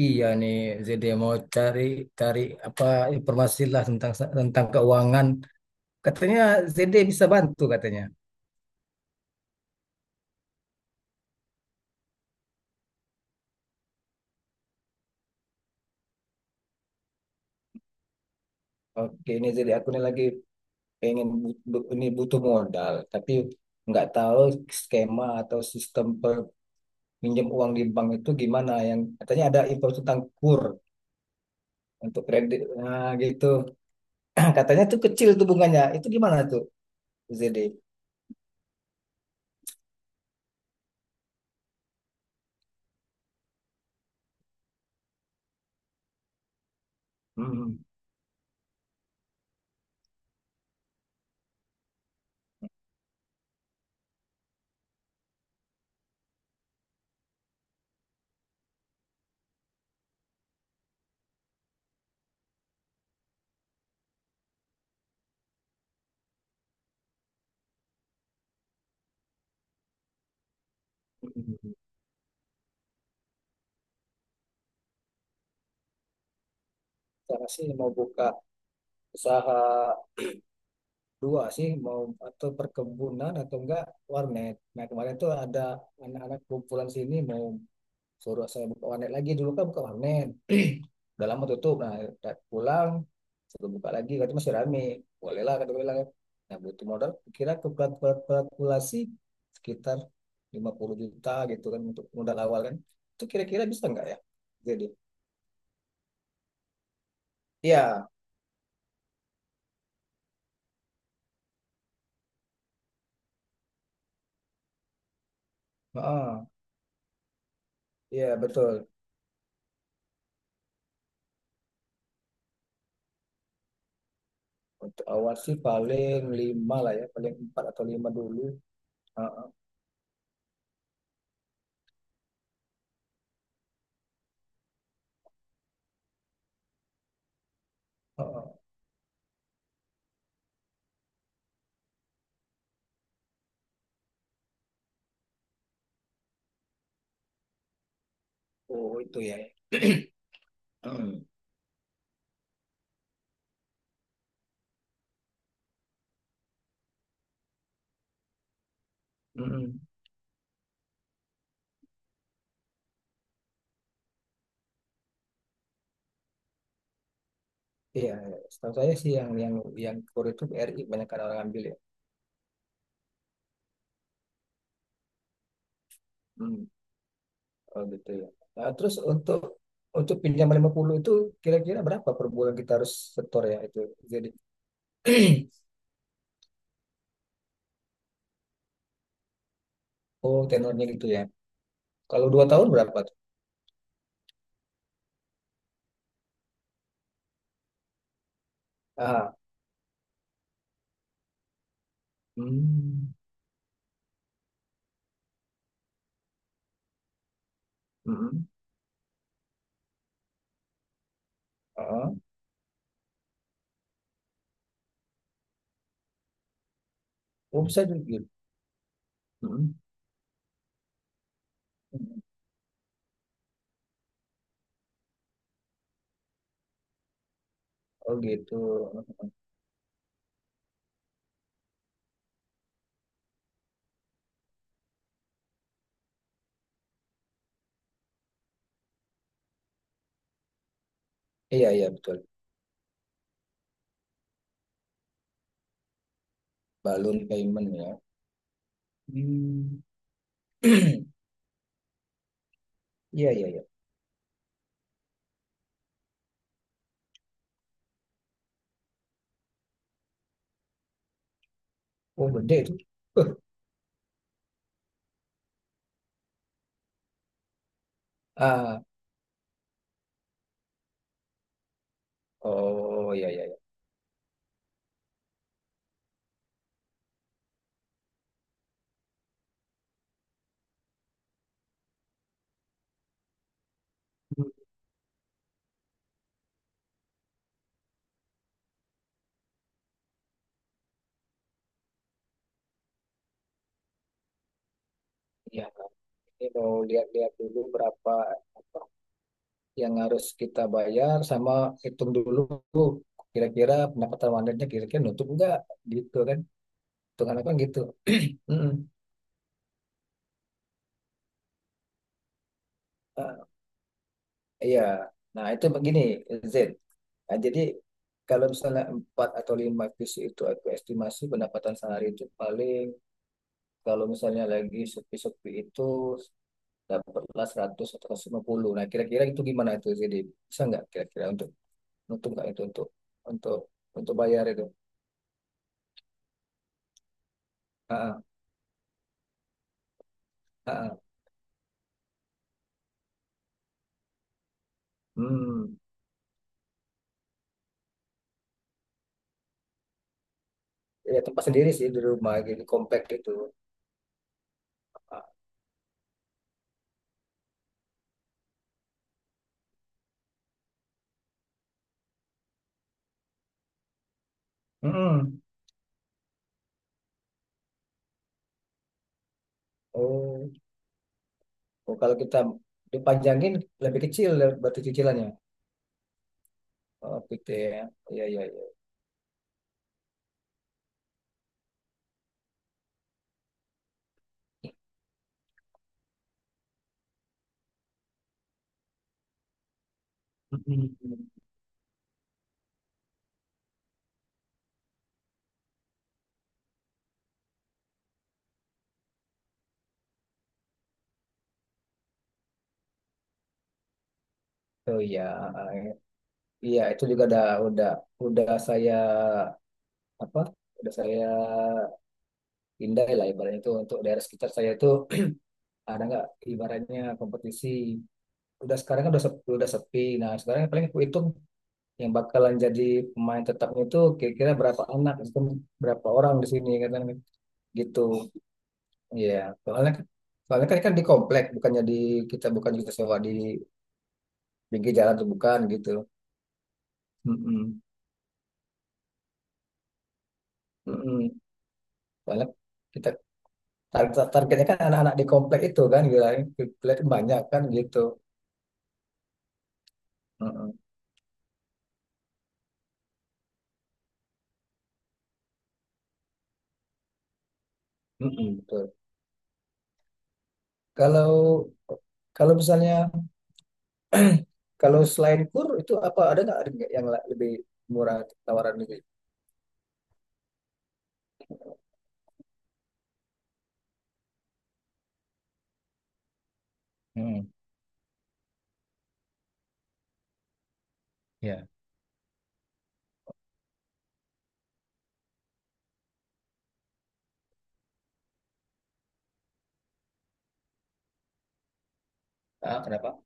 Iya nih, jadi mau cari cari apa informasi lah tentang tentang keuangan. Katanya ZD bisa bantu katanya. Oke, ini jadi aku nih lagi pengen ini butuh modal, tapi nggak tahu skema atau sistem pinjam uang di bank itu gimana. Yang katanya ada info tentang KUR untuk kredit, nah gitu. Katanya tuh kecil tuh bunganya. Itu gimana tuh, ZD? Hmm. Saya sih mau buka usaha dua sih mau atau perkebunan atau enggak warnet. Nah kemarin tuh ada anak-anak kumpulan sini mau suruh saya buka warnet lagi, dulu kan buka warnet. Udah lama tutup. Nah udah pulang suruh buka lagi katanya masih rame. Boleh lah kata gue bilang, kan. Nah butuh modal kira kalkulasi sekitar 50 juta gitu kan untuk modal awal kan. Itu kira-kira bisa enggak ya? Jadi iya, heeh. Iya betul. Untuk awal sih paling lima lah ya, paling empat atau lima dulu. Heeh, heeh. Oh itu ya. Iya, iya. Setahu saya sih yang kur itu BRI banyak kan orang ambil ya. Hmm, oh gitu ya. Nah, terus untuk pinjam 50 itu kira-kira berapa per bulan kita harus setor ya itu. Jadi oh tenornya gitu ya. Kalau 2 tahun berapa tuh? Ah, hmm, hmm, heeh. Oh bisa juga gitu. Hmm, hmm. Oh gitu. Iya iya betul. Balloon payment ya. Hmm. Iya, iya, iya. Oh, gede itu. Ah, oh ya ya ya. Ya, ini mau lihat-lihat dulu berapa apa yang harus kita bayar, sama hitung dulu kira-kira pendapatan wanitanya kira-kira nutup enggak gitu kan. Hitungan apa gitu. Mm-mm. Ah, iya. Nah, itu begini Z. Nah, jadi kalau misalnya 4 atau 5 PC itu aku estimasi pendapatan sehari itu paling kalau misalnya lagi sepi-sepi itu dapatlah 100 atau 150. Nah, kira-kira itu gimana itu, jadi bisa nggak kira-kira untuk nggak itu untuk untuk bayar itu? Ah, ah, ah. Hmm. Ya tempat sendiri sih di rumah gitu compact itu. Ah, mm. Oh, oh, kalau kita dipanjangin lebih kecil ya, berarti cicilannya. Oh, gitu ya. Iya, iya, iya. Mm. Oh iya, ah, iya. Iya, itu juga udah udah saya apa? Udah saya pindai lah ibaratnya, itu untuk daerah sekitar saya itu ada nggak ibaratnya kompetisi. Udah sekarang kan udah sepi, udah sepi. Nah sekarang paling aku hitung yang bakalan jadi pemain tetapnya itu kira-kira berapa anak itu, berapa orang di sini kan gitu ya. Soalnya kan, kan di komplek, bukannya di, kita bukan kita sewa di pinggir jalan tuh, bukan gitu. Mm-mm. Mm-mm. Soalnya kita targetnya kan anak-anak di komplek itu kan, gila komplek banyak kan gitu. Mm-mm. Mm-mm, betul. Kalau kalau misalnya Kalau selain kur itu apa ada nggak yang lebih murah, tawaran lebih? Hmm, ya. Ah, kenapa?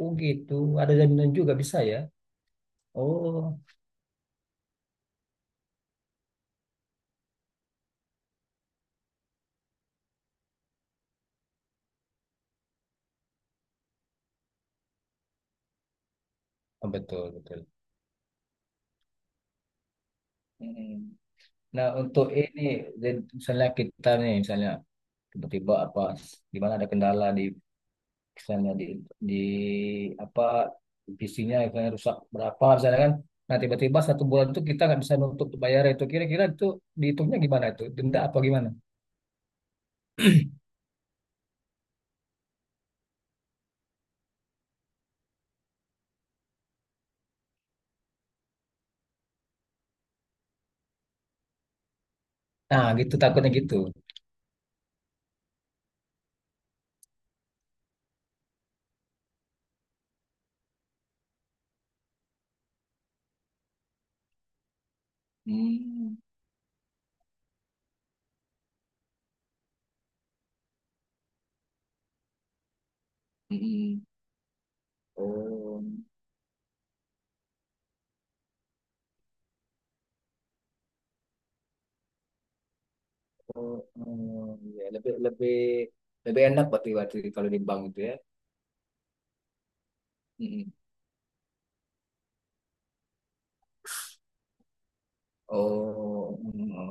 Oh gitu, ada jaminan juga bisa ya. Oh, oh, betul betul. Mm. Nah untuk ini, jadi misalnya kita nih, misalnya tiba-tiba apa, di mana ada kendala di, misalnya di apa PC-nya misalnya rusak berapa misalnya kan. Nah tiba-tiba satu bulan itu kita nggak bisa nutup tuh bayar itu. Kira-kira itu dihitungnya gimana itu? Denda apa gimana? Nah gitu takutnya gitu. Hmm. Mm-mm. Oh, oh, oh, ya lebih lebih lebih enak, berarti berarti kalau di bank itu ya. Mm-mm. Oh, mm.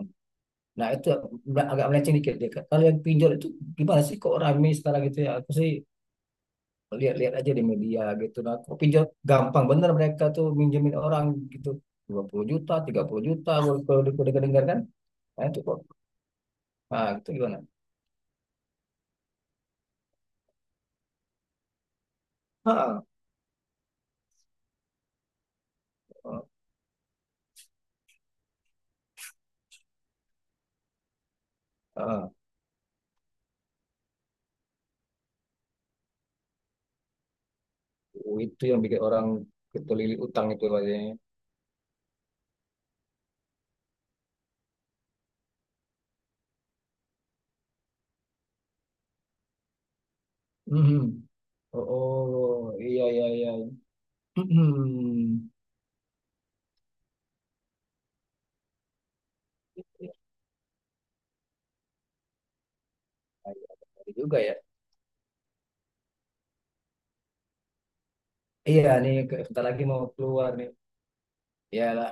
Nah itu agak melenceng dikit deh. Kalau yang pinjol itu gimana sih kok rame sekarang gitu ya? Aku sih lihat-lihat aja di media gitu. Nah, kok pinjol gampang bener mereka tuh minjemin orang gitu. 20 juta, 30 juta kalau kalau di- kalau dengar kan. Nah, itu kok. Nah, itu gimana? Ha, ha, ha. Oh, itu yang bikin orang ketelilit utang itu katanya. Mhm. Oh, oh, iya iya iya. Mhm. Iya, iya, benar juga ya. Iya nih, bentar lagi mau keluar nih. Iyalah.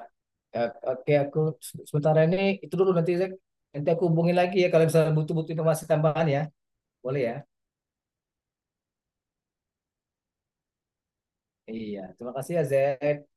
Ya, oke, aku sementara ini itu dulu nanti Zek. Nanti aku hubungin lagi ya kalau misalnya butuh-butuh informasi tambahan ya. Boleh ya? Iya, terima kasih ya Zek.